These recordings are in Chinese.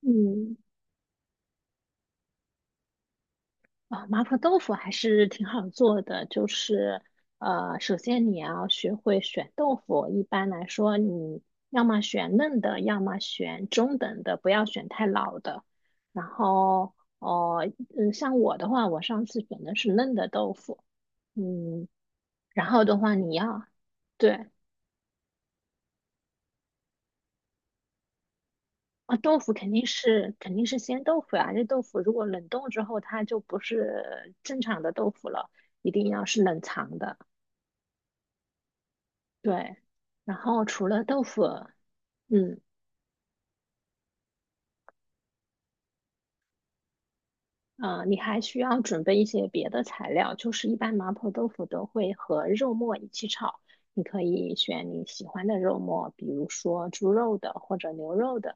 嗯，麻婆豆腐还是挺好做的，就是首先你要学会选豆腐。一般来说，你要么选嫩的，要么选中等的，不要选太老的。然后，哦，像我的话，我上次选的是嫩的豆腐。嗯，然后的话，你要对啊，豆腐肯定是鲜豆腐呀、这豆腐如果冷冻之后，它就不是正常的豆腐了，一定要是冷藏的。对，然后除了豆腐，嗯，你还需要准备一些别的材料，就是一般麻婆豆腐都会和肉末一起炒，你可以选你喜欢的肉末，比如说猪肉的或者牛肉的，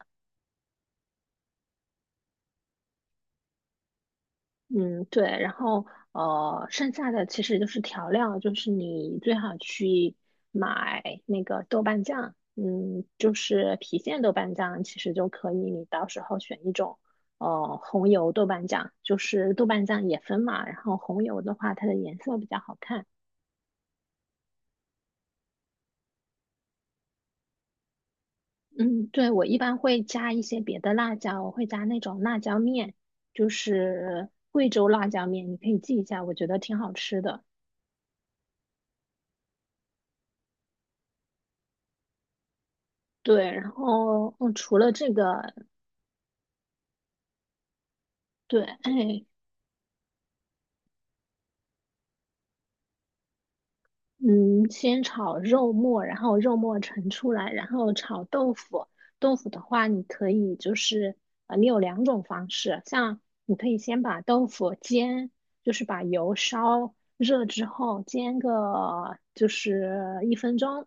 嗯，对，然后剩下的其实就是调料，就是你最好去买那个豆瓣酱，就是郫县豆瓣酱，其实就可以，你到时候选一种红油豆瓣酱，就是豆瓣酱也分嘛，然后红油的话，它的颜色比较好看。嗯，对，我一般会加一些别的辣椒，我会加那种辣椒面，就是贵州辣椒面，你可以记一下，我觉得挺好吃的。对，然后除了这个，对，哎，嗯，先炒肉末，然后肉末盛出来，然后炒豆腐。豆腐的话，你可以就是你有两种方式，像你可以先把豆腐煎，就是把油烧热之后煎个就是一分钟，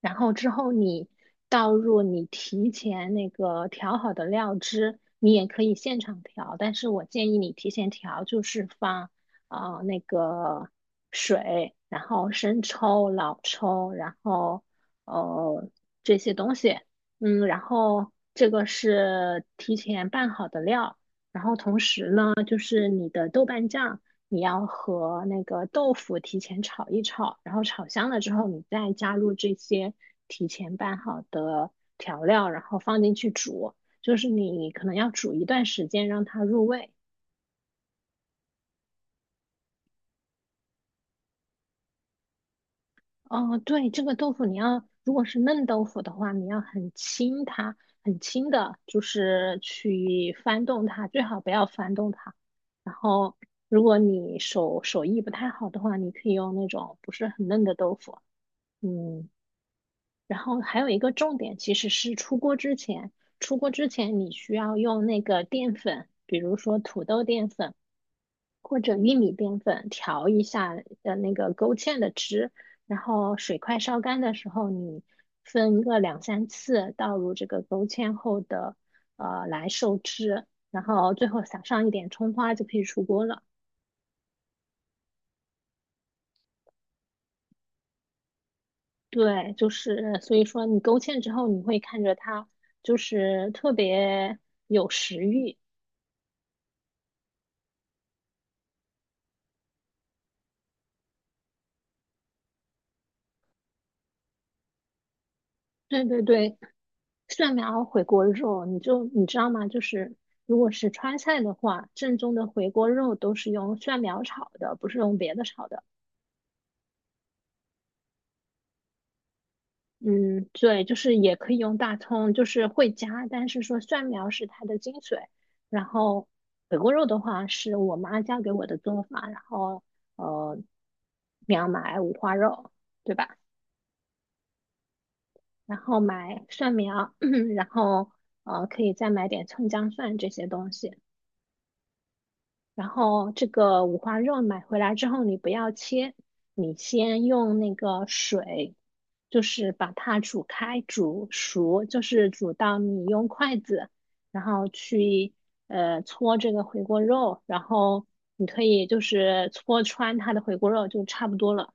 然后之后你倒入你提前那个调好的料汁，你也可以现场调，但是我建议你提前调，就是放那个水，然后生抽、老抽，然后呃这些东西，然后这个是提前拌好的料，然后同时呢，就是你的豆瓣酱，你要和那个豆腐提前炒一炒，然后炒香了之后，你再加入这些提前拌好的调料，然后放进去煮。就是你可能要煮一段时间让它入味。哦，对，这个豆腐你要，如果是嫩豆腐的话，你要很轻它，很轻的，就是去翻动它，最好不要翻动它。然后，如果你手艺不太好的话，你可以用那种不是很嫩的豆腐。嗯，然后还有一个重点其实是出锅之前，出锅之前你需要用那个淀粉，比如说土豆淀粉。或者玉米淀粉调一下那个勾芡的汁，然后水快烧干的时候，你分个2、3次倒入这个勾芡后的来收汁，然后最后撒上一点葱花就可以出锅了。对，就是所以说你勾芡之后，你会看着它就是特别有食欲。对对对，蒜苗回锅肉，你知道吗？就是如果是川菜的话，正宗的回锅肉都是用蒜苗炒的，不是用别的炒的。嗯，对，就是也可以用大葱，就是会加，但是说蒜苗是它的精髓。然后回锅肉的话，是我妈教给我的做法，然后呃，你要买五花肉，对吧？然后买蒜苗，然后可以再买点葱姜蒜这些东西。然后这个五花肉买回来之后，你不要切，你先用那个水，就是把它煮开、煮熟，就是煮到你用筷子，然后去搓这个回锅肉，然后你可以就是搓穿它的回锅肉就差不多了。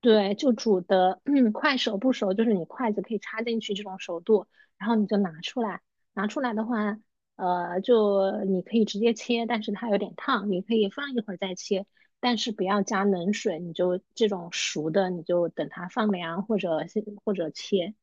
对，就煮的，快熟不熟，就是你筷子可以插进去这种熟度，然后你就拿出来。拿出来的话，就你可以直接切，但是它有点烫，你可以放一会儿再切，但是不要加冷水，你就这种熟的，你就等它放凉或者切。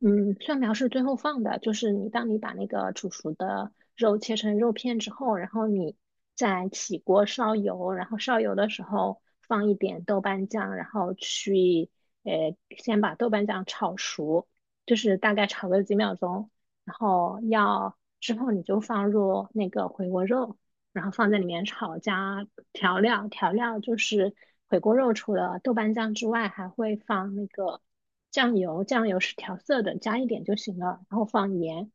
嗯，蒜苗是最后放的，就是你当你把那个煮熟的肉切成肉片之后，然后你再起锅烧油，然后烧油的时候放一点豆瓣酱，然后去先把豆瓣酱炒熟，就是大概炒个几秒钟，然后要之后你就放入那个回锅肉，然后放在里面炒加调料，调料就是回锅肉除了豆瓣酱之外，还会放那个。酱油，酱油是调色的，加一点就行了。然后放盐，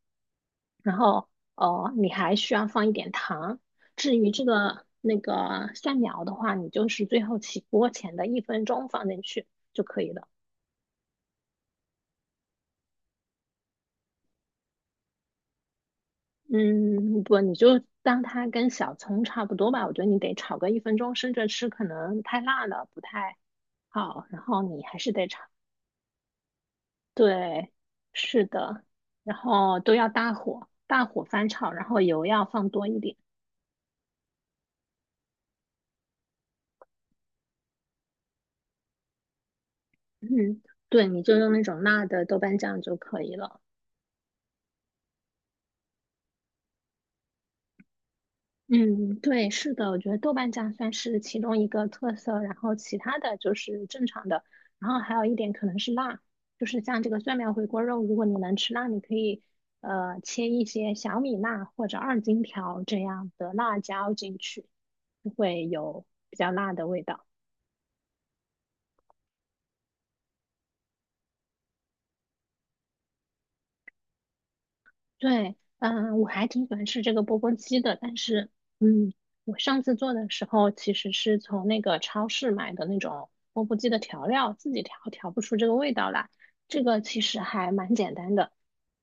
然后哦，你还需要放一点糖。至于这个那个蒜苗的话，你就是最后起锅前的一分钟放进去就可以了。嗯，不，你就当它跟小葱差不多吧。我觉得你得炒个一分钟，生着吃可能太辣了，不太好。然后你还是得炒。对，是的，然后都要大火，大火翻炒，然后油要放多一点。嗯，对，你就用那种辣的豆瓣酱就可以了。嗯，对，是的，我觉得豆瓣酱算是其中一个特色，然后其他的就是正常的，然后还有一点可能是辣，就是像这个蒜苗回锅肉，如果你能吃辣，你可以切一些小米辣或者二荆条这样的辣椒进去，就会有比较辣的味道。对，嗯，我还挺喜欢吃这个钵钵鸡的，但是，嗯，我上次做的时候其实是从那个超市买的那种钵钵鸡的调料，自己调调不出这个味道来。这个其实还蛮简单的，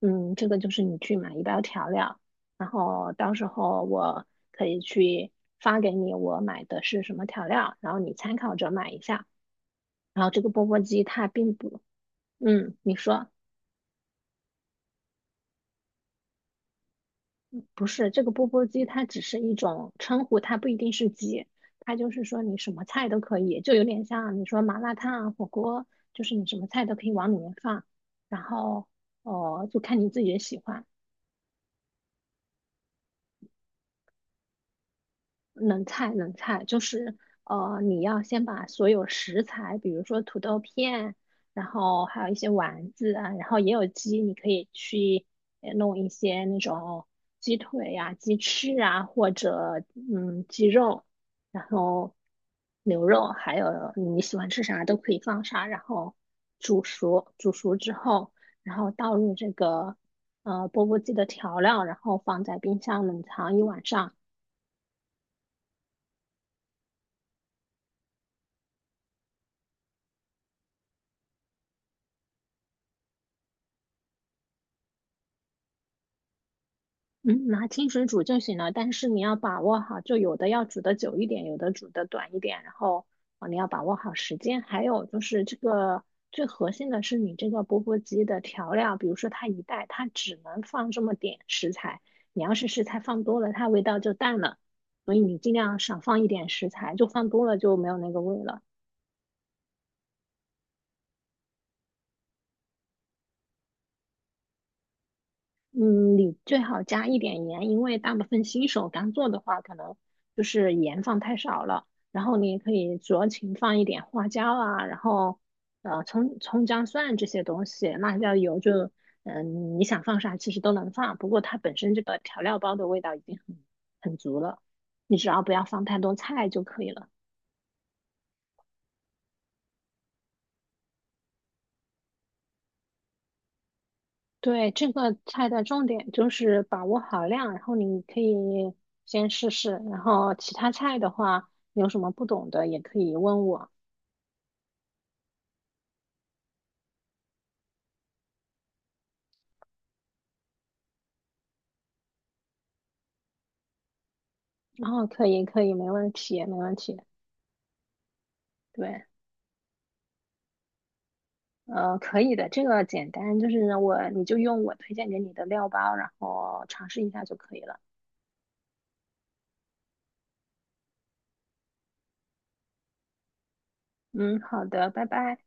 这个就是你去买一包调料，然后到时候我可以去发给你我买的是什么调料，然后你参考着买一下。然后这个钵钵鸡它并不，嗯，你说。不是，这个钵钵鸡它只是一种称呼，它不一定是鸡，它就是说你什么菜都可以，就有点像你说麻辣烫啊、火锅，就是你什么菜都可以往里面放，然后哦，就看你自己的喜欢。冷菜，冷菜就是你要先把所有食材，比如说土豆片，然后还有一些丸子啊，然后也有鸡，你可以去弄一些那种鸡腿呀、鸡翅啊，或者鸡肉，然后牛肉，还有你喜欢吃啥都可以放啥，然后煮熟，煮熟之后，然后倒入这个钵钵鸡的调料，然后放在冰箱冷藏1晚上。嗯，拿清水煮就行了，但是你要把握好，就有的要煮的久一点，有的煮的短一点，然后你要把握好时间。还有就是这个最核心的是你这个钵钵鸡的调料，比如说它一袋它只能放这么点食材，你要是食材放多了，它味道就淡了，所以你尽量少放一点食材，就放多了就没有那个味了。嗯，你最好加一点盐，因为大部分新手刚做的话，可能就是盐放太少了。然后你也可以酌情放一点花椒啊，然后葱姜蒜这些东西，辣椒油就你想放啥其实都能放，不过它本身这个调料包的味道已经很足了，你只要不要放太多菜就可以了。对，这个菜的重点就是把握好量，然后你可以先试试，然后其他菜的话，你有什么不懂的也可以问我。然后可以，可以，没问题，没问题。对，可以的，这个简单，就是我，你就用我推荐给你的料包，然后尝试一下就可以了。嗯，好的，拜拜。